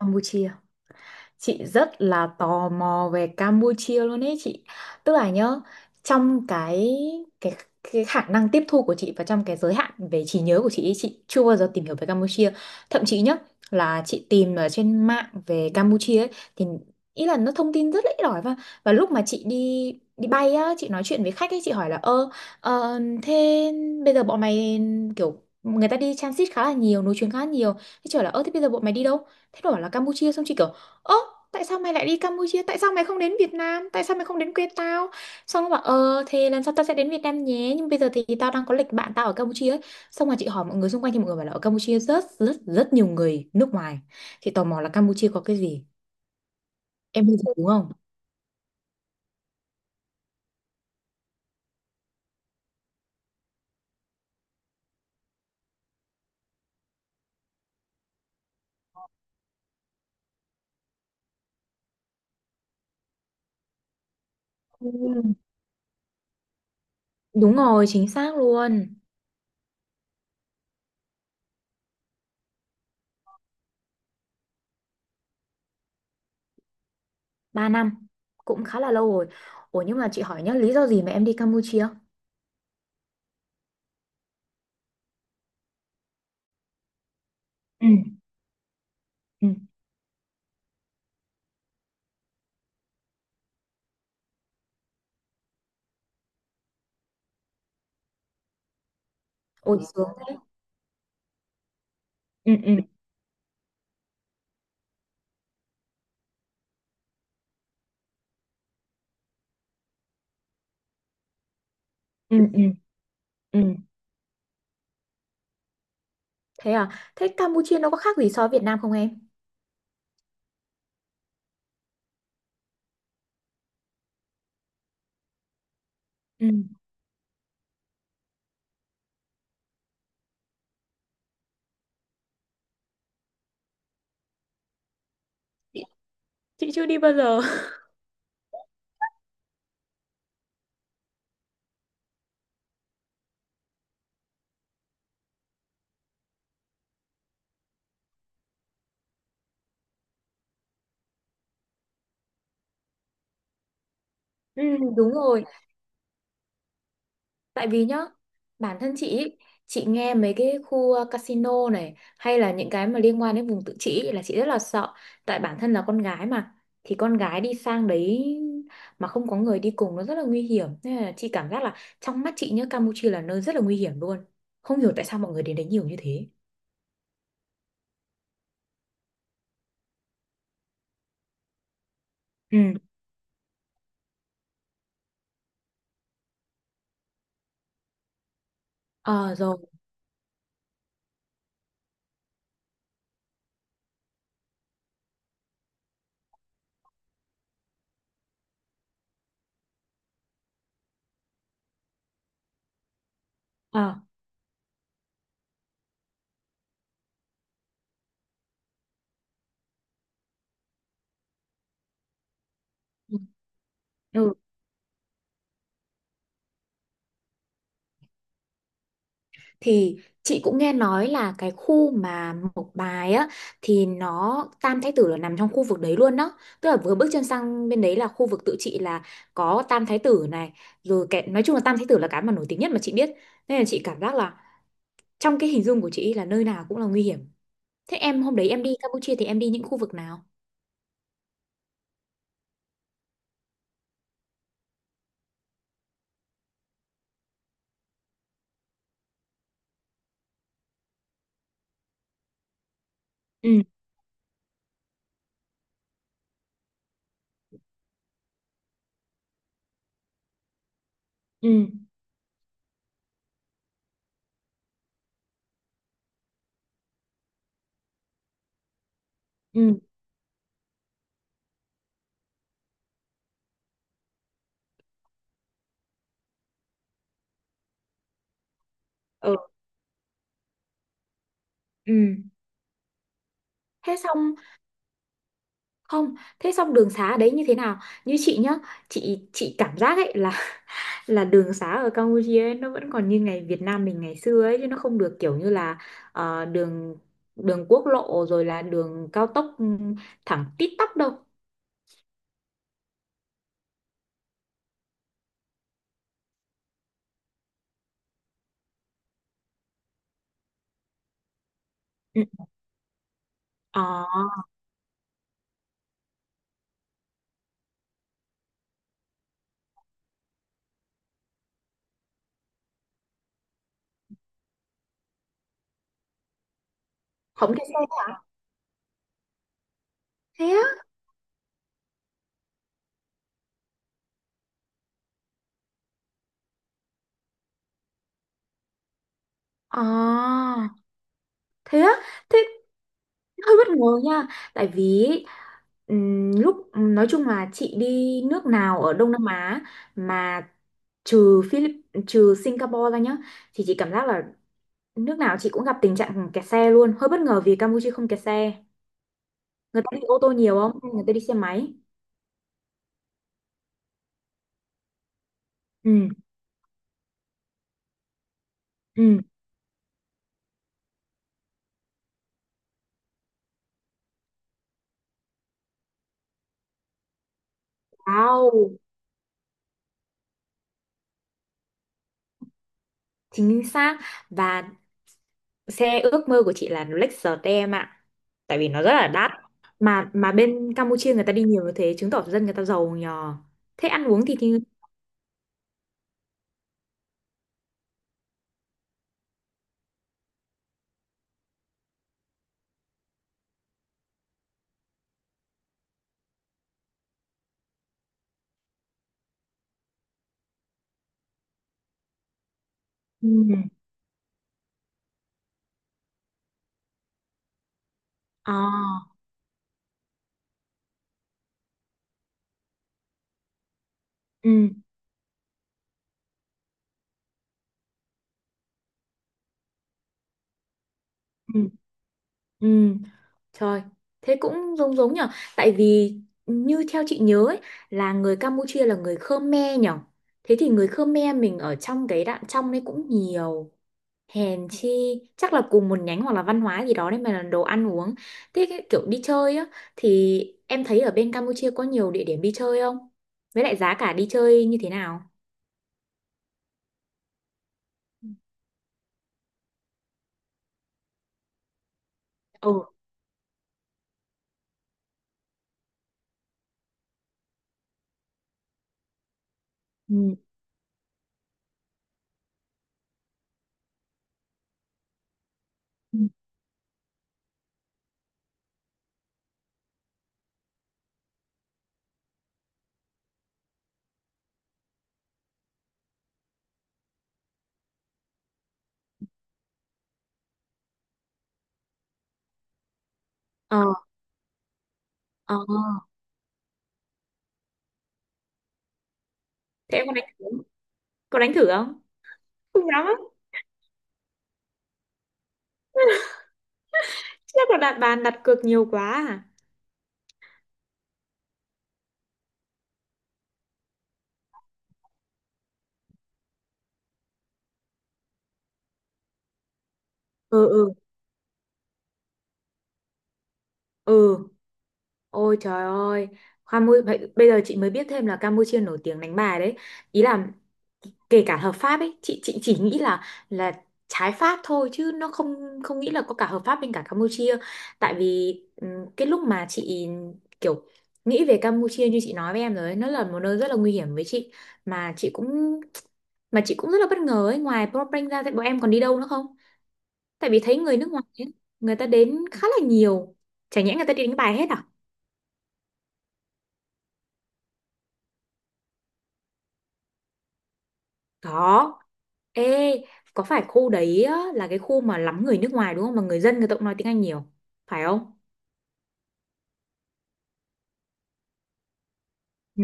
Campuchia. Chị rất là tò mò về Campuchia luôn ấy chị. Tức là nhá, trong cái cái khả năng tiếp thu của chị và trong cái giới hạn về trí nhớ của chị ấy, chị chưa bao giờ tìm hiểu về Campuchia. Thậm chí nhá, là chị tìm ở trên mạng về Campuchia ấy, thì ý là nó thông tin rất là ít ỏi. Và lúc mà chị đi đi bay á, chị nói chuyện với khách ấy, chị hỏi là ơ, thế bây giờ bọn mày kiểu, người ta đi transit khá là nhiều, nối chuyến khá là nhiều, thế trời là ơ thế bây giờ bọn mày đi đâu. Thế nó bảo là Campuchia. Xong chị kiểu ơ, tại sao mày lại đi Campuchia, tại sao mày không đến Việt Nam, tại sao mày không đến quê tao. Xong nó bảo ờ thì lần sau tao sẽ đến Việt Nam nhé, nhưng bây giờ thì tao đang có lịch bạn tao ở Campuchia ấy. Xong rồi chị hỏi mọi người xung quanh thì mọi người bảo là ở Campuchia rất rất rất nhiều người nước ngoài. Chị tò mò là Campuchia có cái gì. Em đi rồi đúng không. Ừ. Đúng rồi, chính xác luôn. 3 năm, cũng khá là lâu rồi. Ủa nhưng mà chị hỏi nhá, lý do gì mà em đi Campuchia? Ừ, ừ. Ôi sướng thế. Ừ, ừ. Ừ, ừ. Ừ. Thế à? Thế Campuchia nó có khác gì so với Việt Nam không em? Ừ. chị chị chưa đi bao giờ Ừ, đúng rồi, tại vì nhá, bản thân chị ý, chị nghe mấy cái khu casino này hay là những cái mà liên quan đến vùng tự trị ý, là chị rất là sợ, tại bản thân là con gái mà, thì con gái đi sang đấy mà không có người đi cùng nó rất là nguy hiểm. Nên là chị cảm giác là trong mắt chị nhá, Campuchia là nơi rất là nguy hiểm luôn. Không hiểu tại sao mọi người đến đấy nhiều như thế. Ừ. Ờ rồi. Ờ. Ừ. Thì chị cũng nghe nói là cái khu mà Mộc Bài á, thì nó Tam Thái Tử là nằm trong khu vực đấy luôn đó, tức là vừa bước chân sang bên đấy là khu vực tự trị, là có Tam Thái Tử này, rồi cái nói chung là Tam Thái Tử là cái mà nổi tiếng nhất mà chị biết. Nên là chị cảm giác là trong cái hình dung của chị là nơi nào cũng là nguy hiểm. Thế em hôm đấy em đi Campuchia thì em đi những khu vực nào. Ừ, ừ, ừ, ừ, ừ. Thế xong, không thế xong đường xá ở đấy như thế nào. Như chị nhá, chị cảm giác ấy là đường xá ở Campuchia ấy, nó vẫn còn như ngày Việt Nam mình ngày xưa ấy chứ, nó không được kiểu như là đường đường quốc lộ rồi là đường cao tốc, ừ, thẳng tít tắp đâu. Ừ. Ờ, không cái xe thế á. Ờ. Thế á. Thế hơi bất ngờ nha, tại vì lúc nói chung là chị đi nước nào ở Đông Nam Á mà trừ Philip trừ Singapore ra nhá, thì chị cảm giác là nước nào chị cũng gặp tình trạng kẹt xe luôn. Hơi bất ngờ vì Campuchia không kẹt xe, người ta đi ô tô nhiều, không người ta đi xe máy. Ừ, ừ. Wow. Chính xác, và xe ước mơ của chị là Lexus em ạ, tại vì nó rất là đắt. Mà bên Campuchia người ta đi nhiều như thế chứng tỏ dân người ta giàu nhờ. Thế ăn uống thì thì. Ừ. À, ừ, ừ, ừ. Trời, thế cũng giống giống nhở. Tại vì như theo chị nhớ ấy, là người Campuchia là người Khmer nhở. Thế thì người Khmer mình ở trong cái đạn trong đấy cũng nhiều, hèn chi, chắc là cùng một nhánh hoặc là văn hóa gì đó đấy mà là đồ ăn uống. Thế cái kiểu đi chơi á thì, em thấy ở bên Campuchia có nhiều địa điểm đi chơi không, với lại giá cả đi chơi như thế nào. Ừ. Ừ. Ừ. Ờ, ờ. Thế em có đánh thử không? Có đánh thử không? Không dám á, chắc là đặt bàn đặt cược nhiều quá. À. Ừ, ừ, ừ. Ôi trời ơi, Campuchia, bây giờ chị mới biết thêm là Campuchia nổi tiếng đánh bài đấy. Ý là kể cả hợp pháp ấy, chị chỉ nghĩ là trái pháp thôi chứ nó không không nghĩ là có cả hợp pháp bên cả Campuchia. Tại vì cái lúc mà chị kiểu nghĩ về Campuchia như chị nói với em rồi ấy, nó là một nơi rất là nguy hiểm với chị. mà chị cũng mà chị cũng rất là bất ngờ ấy, ngoài Phnom Penh ra thì bọn em còn đi đâu nữa không? Tại vì thấy người nước ngoài ấy, người ta đến khá là nhiều. Chả nhẽ người ta đi đánh bài hết à? Có. Ê, có phải khu đấy á, là cái khu mà lắm người nước ngoài đúng không? Mà người dân người ta cũng nói tiếng Anh nhiều, phải không? Ừ.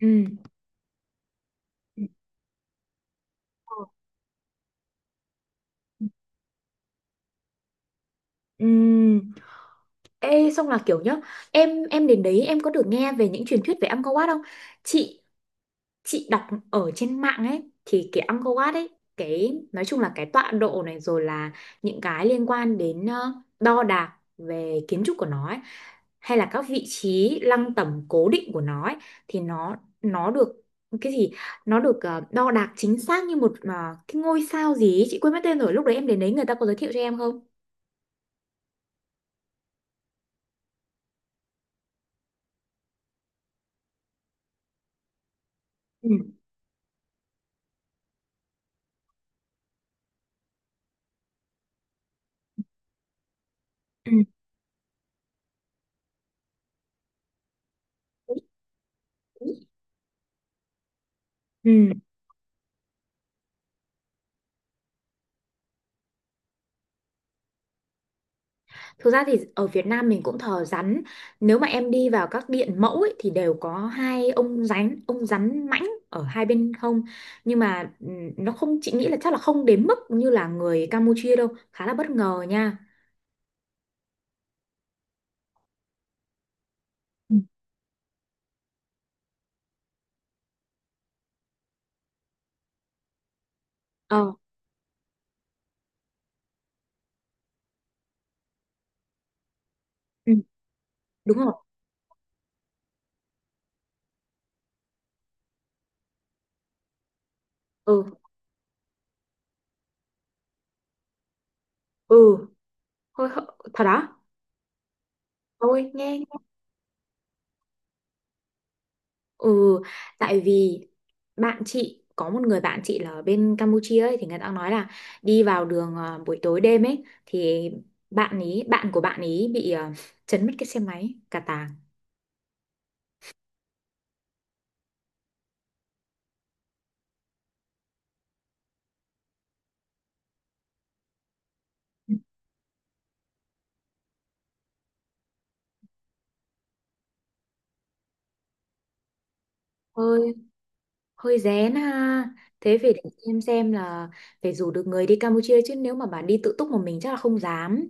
Ừ. Ừ. Ừ. Ê, xong là kiểu nhá, em đến đấy em có được nghe về những truyền thuyết về Angkor Wat không? Chị chị đọc ở trên mạng ấy thì cái Angkor Wat ấy, cái nói chung là cái tọa độ này rồi là những cái liên quan đến đo đạc về kiến trúc của nó ấy, hay là các vị trí lăng tẩm cố định của nó ấy, thì nó được cái gì, nó được đo đạc chính xác như một cái ngôi sao gì ấy. Chị quên mất tên rồi. Lúc đấy em đến đấy người ta có giới thiệu cho em không. Ừ. Ừ. Ừ. Thực ra thì ở Việt Nam mình cũng thờ rắn. Nếu mà em đi vào các điện mẫu ấy, thì đều có hai ông rắn mãnh ở hai bên hông. Nhưng mà nó không, chị nghĩ là chắc là không đến mức như là người Campuchia đâu, khá là bất ngờ nha. Ừ. Ờ, ừ, đúng rồi. Ừ, ừ, thôi, thôi- thật đó. Thôi nghe. Ừ, tại vì bạn chị có một người bạn chị là ở bên Campuchia ấy, thì người ta nói là đi vào đường buổi tối đêm ấy thì bạn của bạn ý bị chấn mất cái xe máy cả tàng. Hơi hơi rén ha. Thế phải để em xem là phải rủ được người đi Campuchia, chứ nếu mà bà đi tự túc một mình chắc là không dám.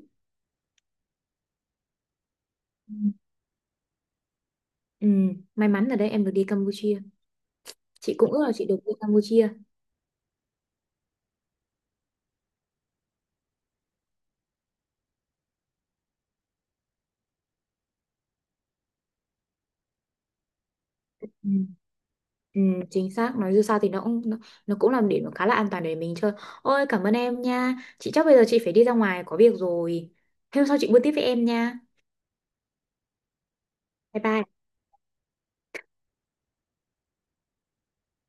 Ừ. Ừ, may mắn là đây em được đi Campuchia. Chị cũng ước là chị được đi Campuchia. Ừ. Ừ, chính xác, nói dù sao thì nó cũng là một điểm khá là an toàn để mình chơi. Ôi cảm ơn em nha, chị chắc bây giờ chị phải đi ra ngoài có việc rồi. Hôm sau chị buôn tiếp với em nha. Bye bye.